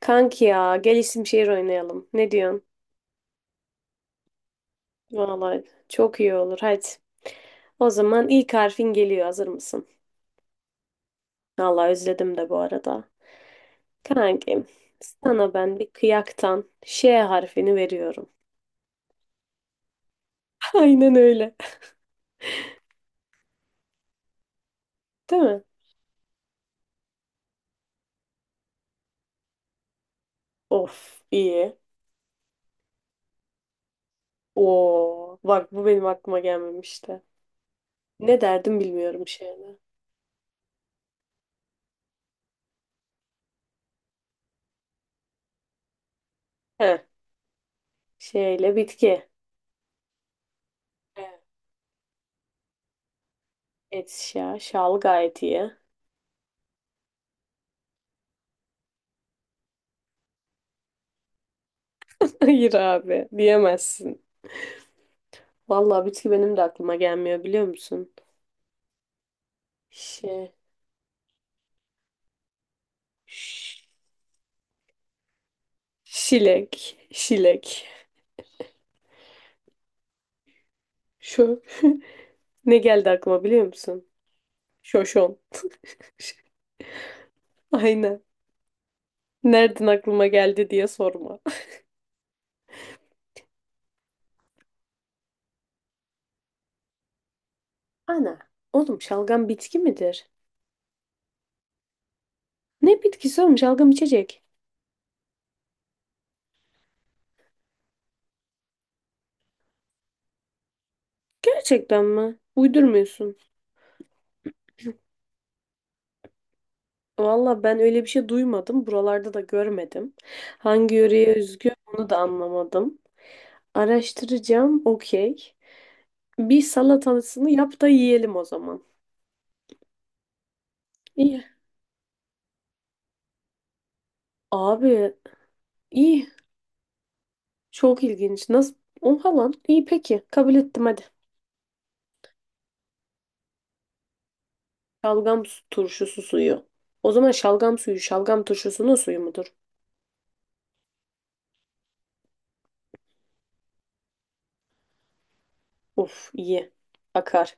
Kanki ya gel isim şehir oynayalım. Ne diyorsun? Vallahi çok iyi olur hadi. O zaman ilk harfin geliyor, hazır mısın? Vallahi özledim de bu arada. Kankim, sana ben bir kıyaktan Ş harfini veriyorum. Aynen öyle. Değil mi? Of iyi. Oo bak, bu benim aklıma gelmemişti. Ne derdim bilmiyorum şeyle. Heh, şeyle bitki. Evet. Et şa, şal gayet iyi. Hayır abi, diyemezsin. Vallahi bitki benim de aklıma gelmiyor, biliyor musun? Şey, ş- şilek, şilek. Şu ne geldi aklıma, biliyor musun? Şoşon. Aynen. Nereden aklıma geldi diye sorma. Ana, oğlum şalgam bitki midir? Ne bitkisi oğlum, şalgam içecek? Gerçekten mi? Uydurmuyorsun. Vallahi ben öyle bir şey duymadım. Buralarda da görmedim. Hangi yöreye özgü onu da anlamadım. Araştıracağım, okey. Bir salatasını yap da yiyelim o zaman. İyi. Abi iyi. Çok ilginç. Nasıl? O falan. İyi peki. Kabul ettim hadi. Şalgam su- turşusu suyu. O zaman şalgam suyu şalgam turşusunun suyu mudur? Of iyi. Akar.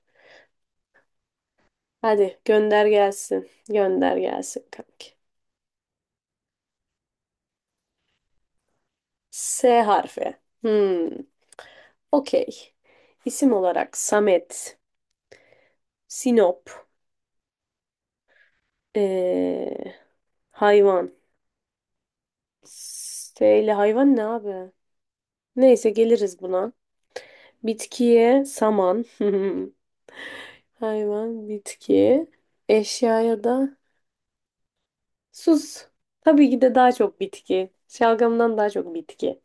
Hadi gönder gelsin. Gönder gelsin kanki. S harfi. Hmm. Okey. İsim olarak Samet, Sinop, ee, hayvan. S ile hayvan ne abi? Neyse geliriz buna. Bitkiye saman. Hayvan, bitki. Eşyaya da sus. Tabii ki de daha çok bitki. Şalgamdan daha çok bitki.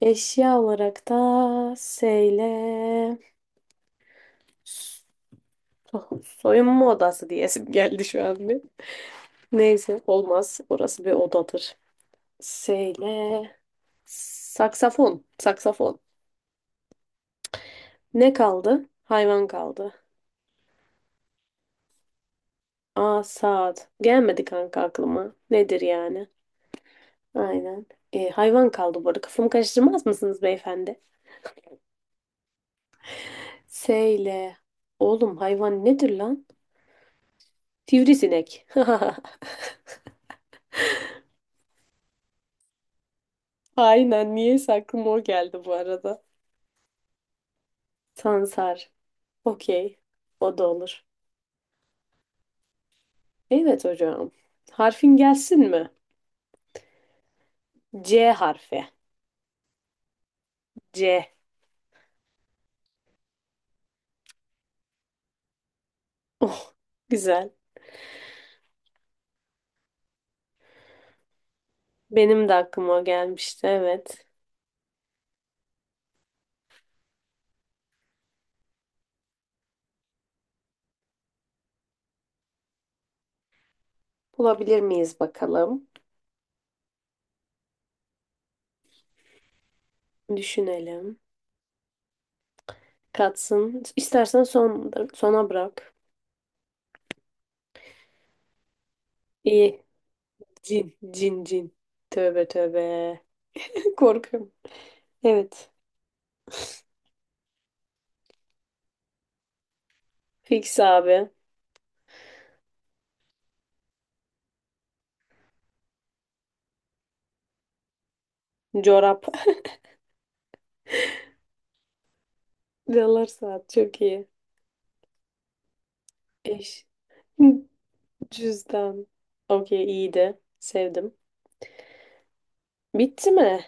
Eşya olarak da seyle so- soyunma odası diyesim geldi şu an bir. Neyse olmaz. Orası bir odadır. Seyle saksafon. Saksafon. Ne kaldı? Hayvan kaldı. Aa saat. Gelmedi kanka aklıma. Nedir yani? Aynen. Hayvan kaldı bu arada. Kafamı karıştırmaz mısınız beyefendi? S ile. Oğlum hayvan nedir lan? Sivrisinek. Aynen. Niyeyse aklıma o geldi bu arada. Sansar. Okey. O da olur. Evet hocam. Harfin gelsin mi? C harfi. C. Oh, güzel. Benim de aklıma o gelmişti. Evet. Bulabilir miyiz bakalım? Düşünelim. Katsın. İstersen son, sona bırak. İyi. Cin, cin, cin. Tövbe tövbe. Korkuyorum. Evet. Fix abi. Çorap. Dolar saat çok iyi. Eş. Cüzdan. Okey iyiydi. Sevdim. Bitti mi?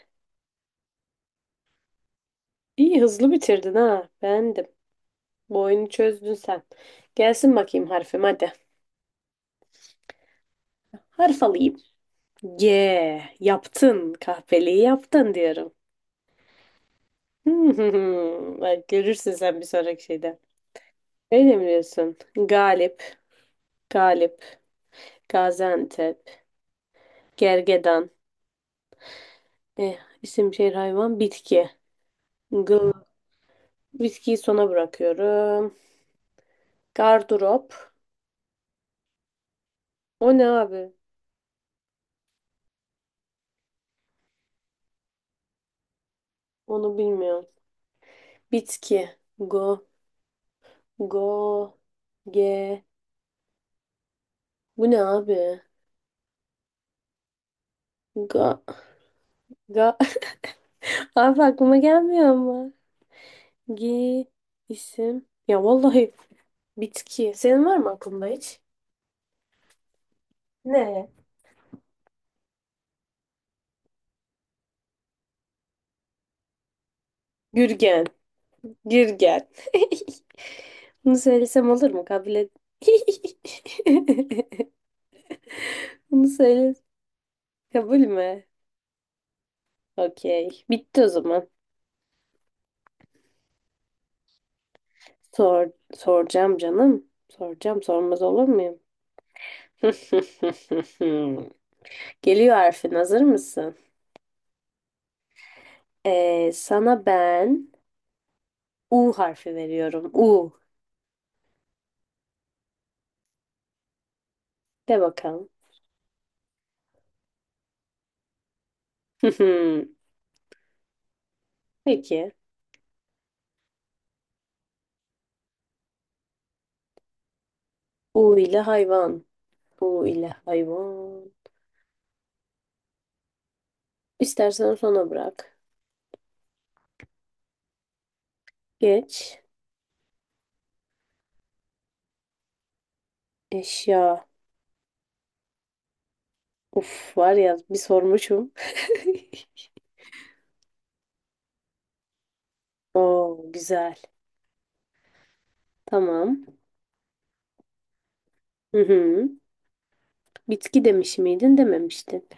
İyi hızlı bitirdin ha. Beğendim. Bu oyunu çözdün sen. Gelsin bakayım harfim hadi. Harf alayım. G. Yaptın. Kahveliği yaptın diyorum. Bak görürsün sen bir sonraki şeyde. Öyle mi diyorsun? Galip. Galip. Gaziantep, gergedan. Eh, isim, şehir, hayvan, bitki. Gıl, bitkiyi sona bırakıyorum. Gardırop. O ne abi? Onu bilmiyorum. Bitki. Go, go, ge. Bu ne abi? Ga, ga. Abi aklıma gelmiyor ama. Gi, isim. Ya vallahi bitki. Senin var mı aklında hiç? Ne? Gürgen. Gir gel. Bunu söylesem olur mu? Kabul et. Bunu söyle. Kabul mü? Okey. Bitti o zaman. Sor, soracağım canım. Soracağım. Sormaz olur muyum? Geliyor harfin. Hazır mısın? Sana ben U harfi veriyorum. U. De bakalım. Peki. U ile hayvan. U ile hayvan. İstersen sona bırak. Geç. Eşya. Uf var ya bir sormuşum. Oo güzel. Tamam. Hı hı. Bitki demiş miydin, dememiştin.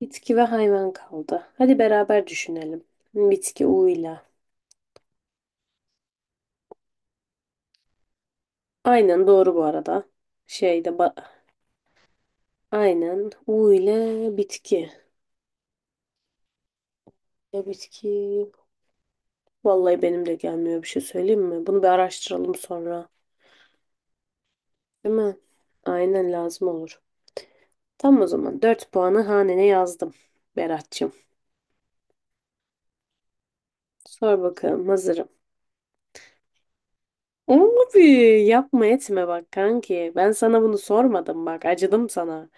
Bitki ve hayvan kaldı. Hadi beraber düşünelim. Bitki U ile. Aynen doğru bu arada. Şeyde ba- aynen U ile bitki. Ya bitki vallahi benim de gelmiyor, bir şey söyleyeyim mi? Bunu bir araştıralım sonra. Değil mi? Aynen lazım olur. Tam o zaman 4 puanı hanene yazdım Berat'cığım. Sor bakalım hazırım. Abi yapma etme bak kanki. Ben sana bunu sormadım bak. Acıdım sana.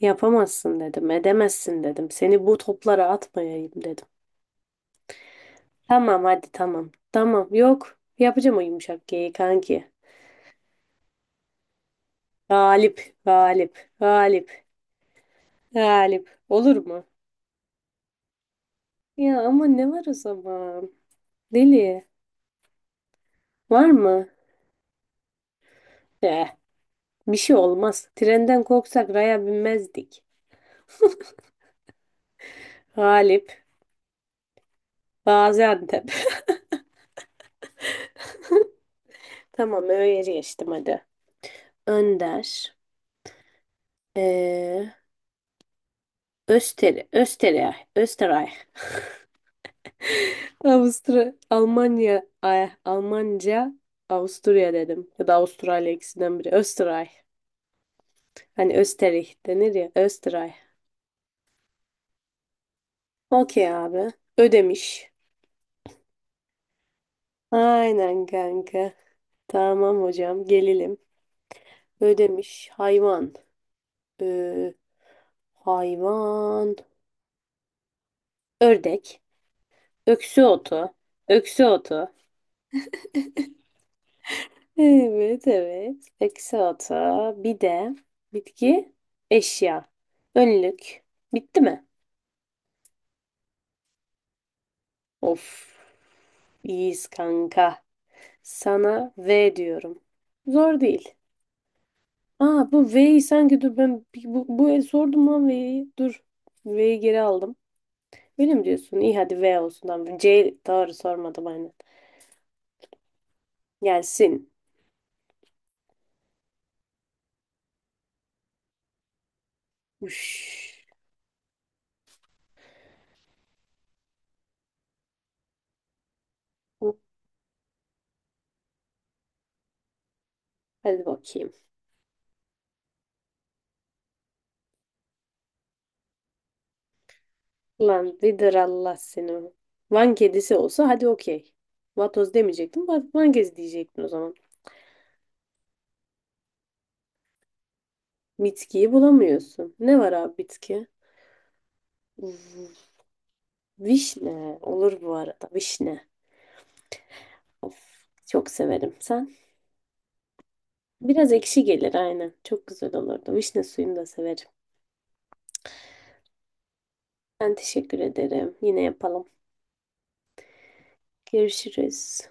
Yapamazsın dedim. Edemezsin dedim. Seni bu toplara atmayayım dedim. Tamam hadi tamam. Tamam yok. Yapacağım o yumuşak G'yi kanki. Galip, galip, galip, galip. Olur mu? Ya ama ne var o zaman? Deli. Var mı? Eh, bir şey olmaz. Trenden korksak raya binmezdik. Galip, Gaziantep. Tamam öyle geçtim hadi. Önder, eee Öster, Österreich, Österreich, Avusturya. Almanya, ay, Almanca, Avusturya dedim. Ya da Avustralya, ikisinden biri. Österreich. Hani Österreich denir ya. Österreich. Okey abi. Ödemiş. Aynen kanka. Tamam hocam. Gelelim. Ödemiş. Hayvan. Ee, hayvan. Ördek. Öksü otu. Öksü otu. Evet, evet. Peki salata. Bir de bitki, eşya. Önlük. Bitti mi? Of, iyiyiz kanka. Sana V diyorum. Zor değil. Aa bu V'yi sanki, dur ben bir- bu, bu el sordum lan V'yi. Dur. V'yi geri aldım. Öyle mi diyorsun? İyi hadi V olsun. Tamam. C doğru sormadım aynen. Gelsin. Uş. Hadi bakayım. Lan Vidır Allah seni. Van kedisi olsa hadi okey. Vatoz demeyecektim. Va- Van kedisi diyecektin o zaman. Bitkiyi bulamıyorsun. Ne var abi bitki? V- Vişne. Olur bu arada. Vişne. Of, çok severim. Sen? Biraz ekşi gelir aynen. Çok güzel olurdu. Vişne suyunu da severim. Ben teşekkür ederim. Yine yapalım. Görüşürüz.